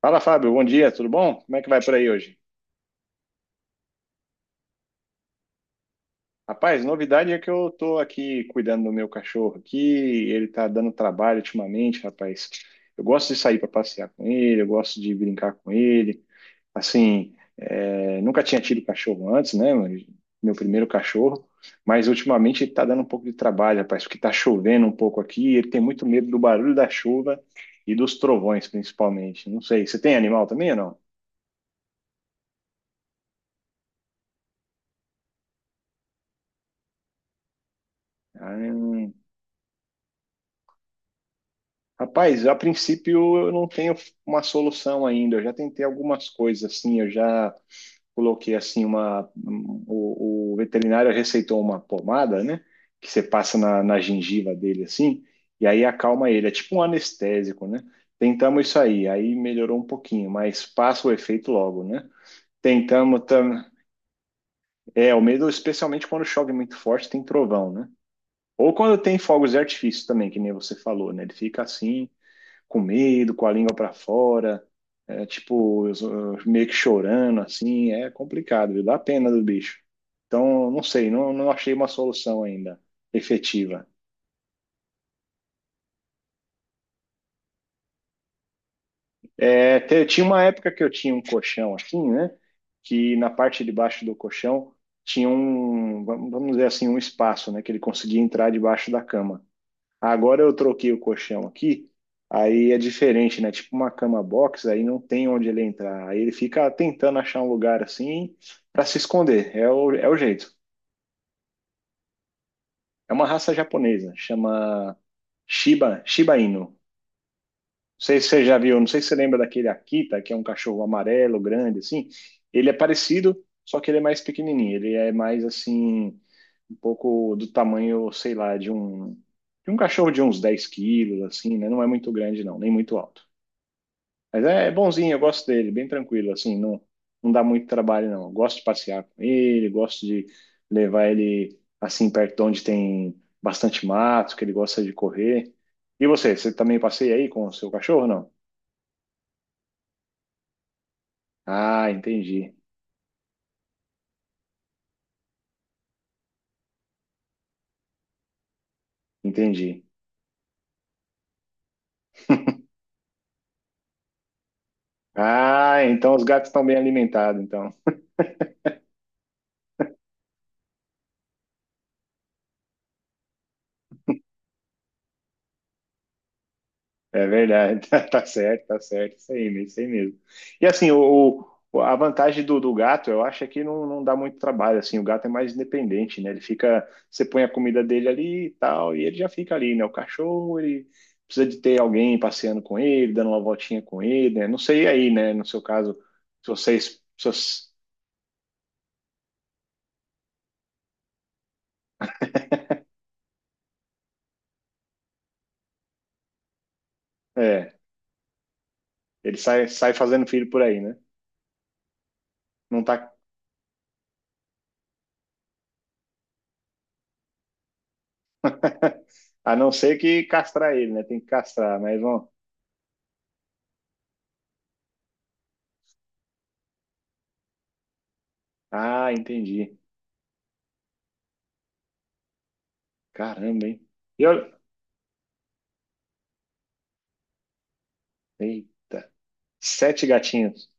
Fala, Fábio. Bom dia, tudo bom? Como é que vai por aí hoje? Rapaz, novidade é que eu tô aqui cuidando do meu cachorro aqui, ele tá dando trabalho ultimamente, rapaz. Eu gosto de sair para passear com ele, eu gosto de brincar com ele. Assim, é, nunca tinha tido cachorro antes, né? Mas meu primeiro cachorro, mas ultimamente ele tá dando um pouco de trabalho, rapaz, porque tá chovendo um pouco aqui, ele tem muito medo do barulho da chuva e dos trovões, principalmente. Não sei, você tem animal também ou não? Ah, rapaz, a princípio eu não tenho uma solução ainda. Eu já tentei algumas coisas assim, eu já coloquei assim o veterinário receitou uma pomada, né, que você passa na gengiva dele assim, e aí acalma ele. É tipo um anestésico, né? Tentamos isso aí, aí melhorou um pouquinho, mas passa o efeito logo, né? Tentamos tam... É, o medo especialmente quando chove muito forte, tem trovão, né? Ou quando tem fogos de artifício também, que nem você falou, né? Ele fica assim com medo, com a língua para fora, é, tipo, eu meio que chorando, assim, é complicado, viu? Dá pena do bicho. Então, não sei, não, não achei uma solução ainda efetiva. É, tinha uma época que eu tinha um colchão assim, né? Que na parte de baixo do colchão tinha um, vamos dizer assim, um espaço, né? Que ele conseguia entrar debaixo da cama. Agora eu troquei o colchão aqui, aí é diferente, né? Tipo uma cama box, aí não tem onde ele entrar. Aí ele fica tentando achar um lugar assim para se esconder. É o jeito. É uma raça japonesa, chama Shiba, Shiba Inu. Não sei se você já viu, não sei se você lembra daquele Akita, que é um cachorro amarelo, grande, assim. Ele é parecido, só que ele é mais pequenininho. Ele é mais assim, um pouco do tamanho, sei lá, de um cachorro de uns 10 quilos, assim, né? Não é muito grande, não, nem muito alto. Mas é bonzinho, eu gosto dele, bem tranquilo, assim, não, não dá muito trabalho, não. Eu gosto de passear com ele, gosto de levar ele, assim, perto de onde tem bastante mato, que ele gosta de correr. E você também passeia aí com o seu cachorro, não? Ah, entendi, entendi. Ah, então os gatos estão bem alimentados, então. É verdade, tá certo, isso aí mesmo. E assim, a vantagem do gato, eu acho é que não, não dá muito trabalho, assim, o gato é mais independente, né? Ele fica, você põe a comida dele ali e tal, e ele já fica ali, né? O cachorro, ele precisa de ter alguém passeando com ele, dando uma voltinha com ele, né? Não sei aí, né? No seu caso, se vocês, se vocês- é, ele sai, sai fazendo filho por aí, né? Não tá, a não ser que castrar ele, né? Tem que castrar, mas vão. Ah, entendi. Caramba, hein? E olha. Eita. Sete gatinhos.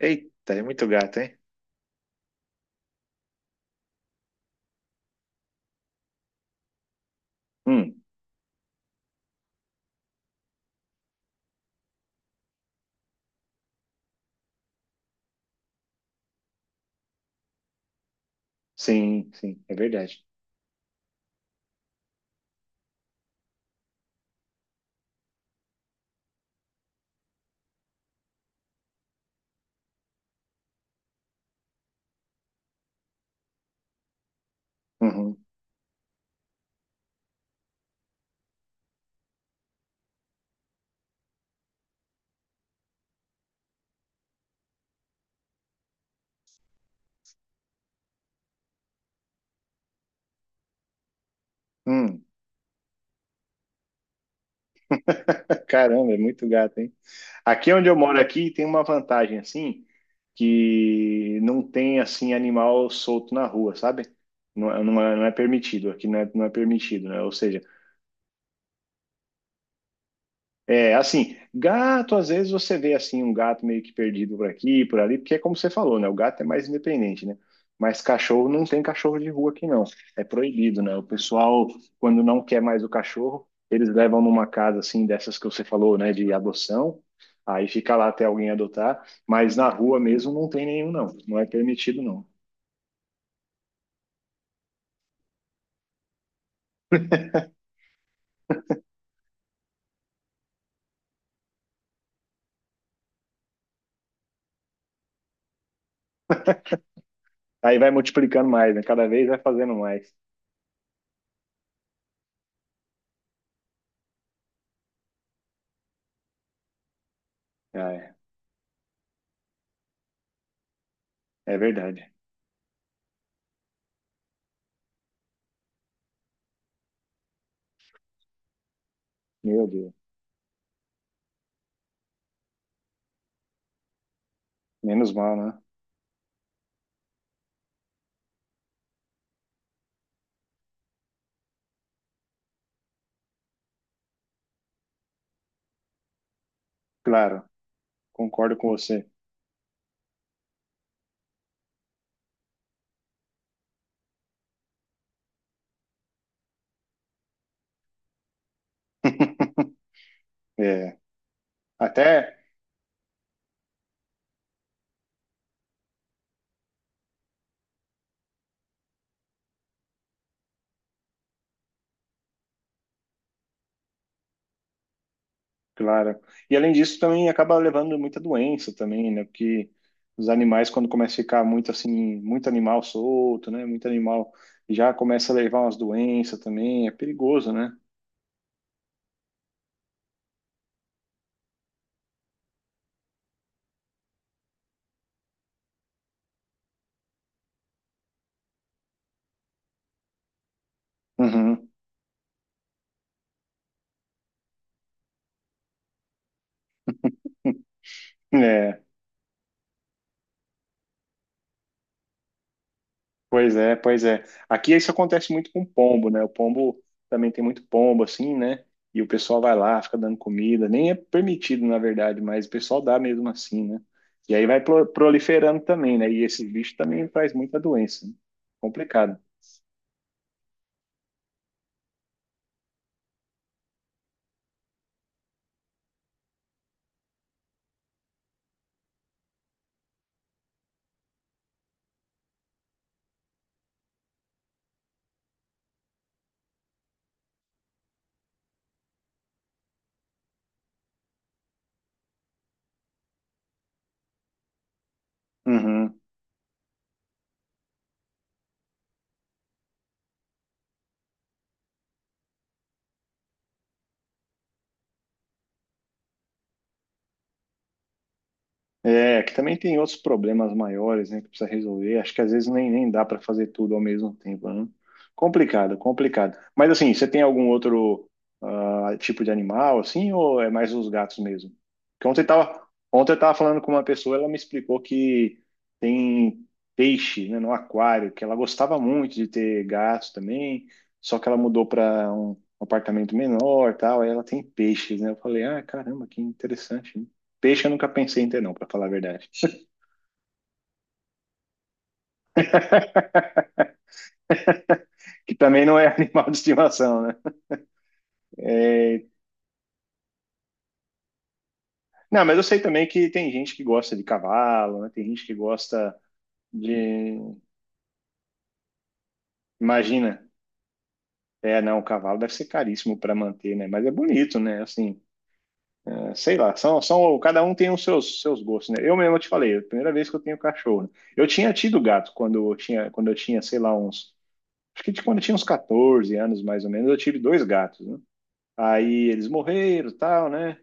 Eita, é muito gato, hein? Hum, sim, sim, é verdade. Uhum. Hum. Caramba, é muito gato, hein? Aqui onde eu moro aqui tem uma vantagem assim, que não tem assim animal solto na rua, sabe? Não, não é, não é permitido, aqui não é, não é permitido, né? Ou seja, é, assim, gato, às vezes você vê assim um gato meio que perdido por aqui, por ali, porque é como você falou, né? O gato é mais independente, né? Mas cachorro não tem cachorro de rua aqui não. É proibido, né? O pessoal, quando não quer mais o cachorro, eles levam numa casa assim dessas que você falou, né, de adoção. Aí fica lá até alguém adotar, mas na rua mesmo não tem nenhum não. Não é permitido não. Aí vai multiplicando mais, né? Cada vez vai fazendo mais. Ah, é, é verdade. Meu Deus. Menos mal, né? Claro. Concordo com você. É, até, claro. E além disso, também acaba levando muita doença também, né? Porque os animais, quando começa a ficar muito assim, muito animal solto, né? Muito animal, já começa a levar umas doenças também, é perigoso, né? Uhum. É. Pois é, pois é. Aqui isso acontece muito com pombo, né? O pombo também tem muito pombo, assim, né? E o pessoal vai lá, fica dando comida. Nem é permitido, na verdade, mas o pessoal dá mesmo assim, né? E aí vai proliferando também, né? E esse bicho também faz muita doença. Né? Complicado. Uhum. É, que também tem outros problemas maiores, né, que precisa resolver. Acho que às vezes nem, nem dá para fazer tudo ao mesmo tempo, né? Complicado, complicado. Mas assim, você tem algum outro ah, tipo de animal, assim, ou é mais os gatos mesmo? Porque ontem eu tava falando com uma pessoa, ela me explicou que tem peixe, né, no aquário, que ela gostava muito de ter gatos também, só que ela mudou para um apartamento menor, tal, aí ela tem peixes, né? Eu falei, ah, caramba, que interessante, peixe eu nunca pensei em ter, não, para falar a verdade. Que também não é animal de estimação, né? É, não, mas eu sei também que tem gente que gosta de cavalo, né? Tem gente que gosta de. Imagina. É, não, o cavalo deve ser caríssimo para manter, né? Mas é bonito, né? Assim, é, sei lá, cada um tem os seus, seus gostos, né? Eu mesmo te falei, é a primeira vez que eu tenho cachorro. Né? Eu tinha tido gato quando eu tinha, sei lá, uns. Acho que quando eu tinha uns 14 anos, mais ou menos, eu tive 2 gatos, né? Aí eles morreram, e tal, né?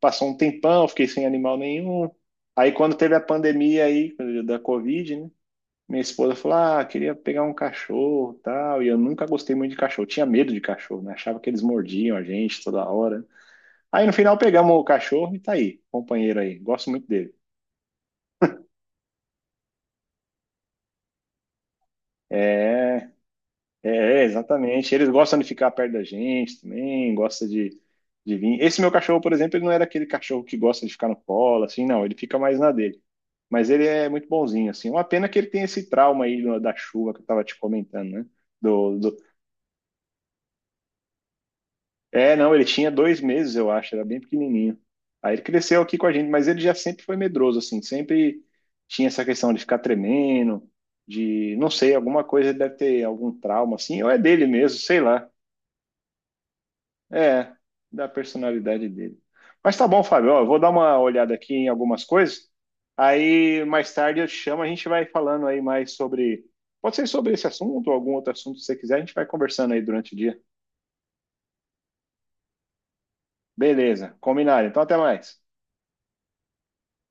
Passou um tempão, fiquei sem animal nenhum. Aí quando teve a pandemia aí da Covid, né? Minha esposa falou: "Ah, queria pegar um cachorro, tal". E eu nunca gostei muito de cachorro, tinha medo de cachorro, né? Achava que eles mordiam a gente toda hora. Aí no final pegamos o cachorro e tá aí, companheiro aí. Gosto muito dele. É, é, exatamente. Eles gostam de ficar perto da gente também, gosta de vir. Esse meu cachorro, por exemplo, ele não era aquele cachorro que gosta de ficar no colo, assim, não. Ele fica mais na dele. Mas ele é muito bonzinho, assim. Uma pena que ele tem esse trauma aí da chuva que eu tava te comentando, né? Do, do... É, não, ele tinha 2 meses, eu acho, era bem pequenininho. Aí ele cresceu aqui com a gente, mas ele já sempre foi medroso, assim. Sempre tinha essa questão de ficar tremendo, de, não sei, alguma coisa deve ter algum trauma, assim. Ou é dele mesmo, sei lá. É, da personalidade dele. Mas tá bom, Fábio. Ó, eu vou dar uma olhada aqui em algumas coisas. Aí mais tarde eu te chamo, a gente vai falando aí mais sobre. Pode ser sobre esse assunto ou algum outro assunto que você quiser, a gente vai conversando aí durante o dia. Beleza, combinado. Então até mais.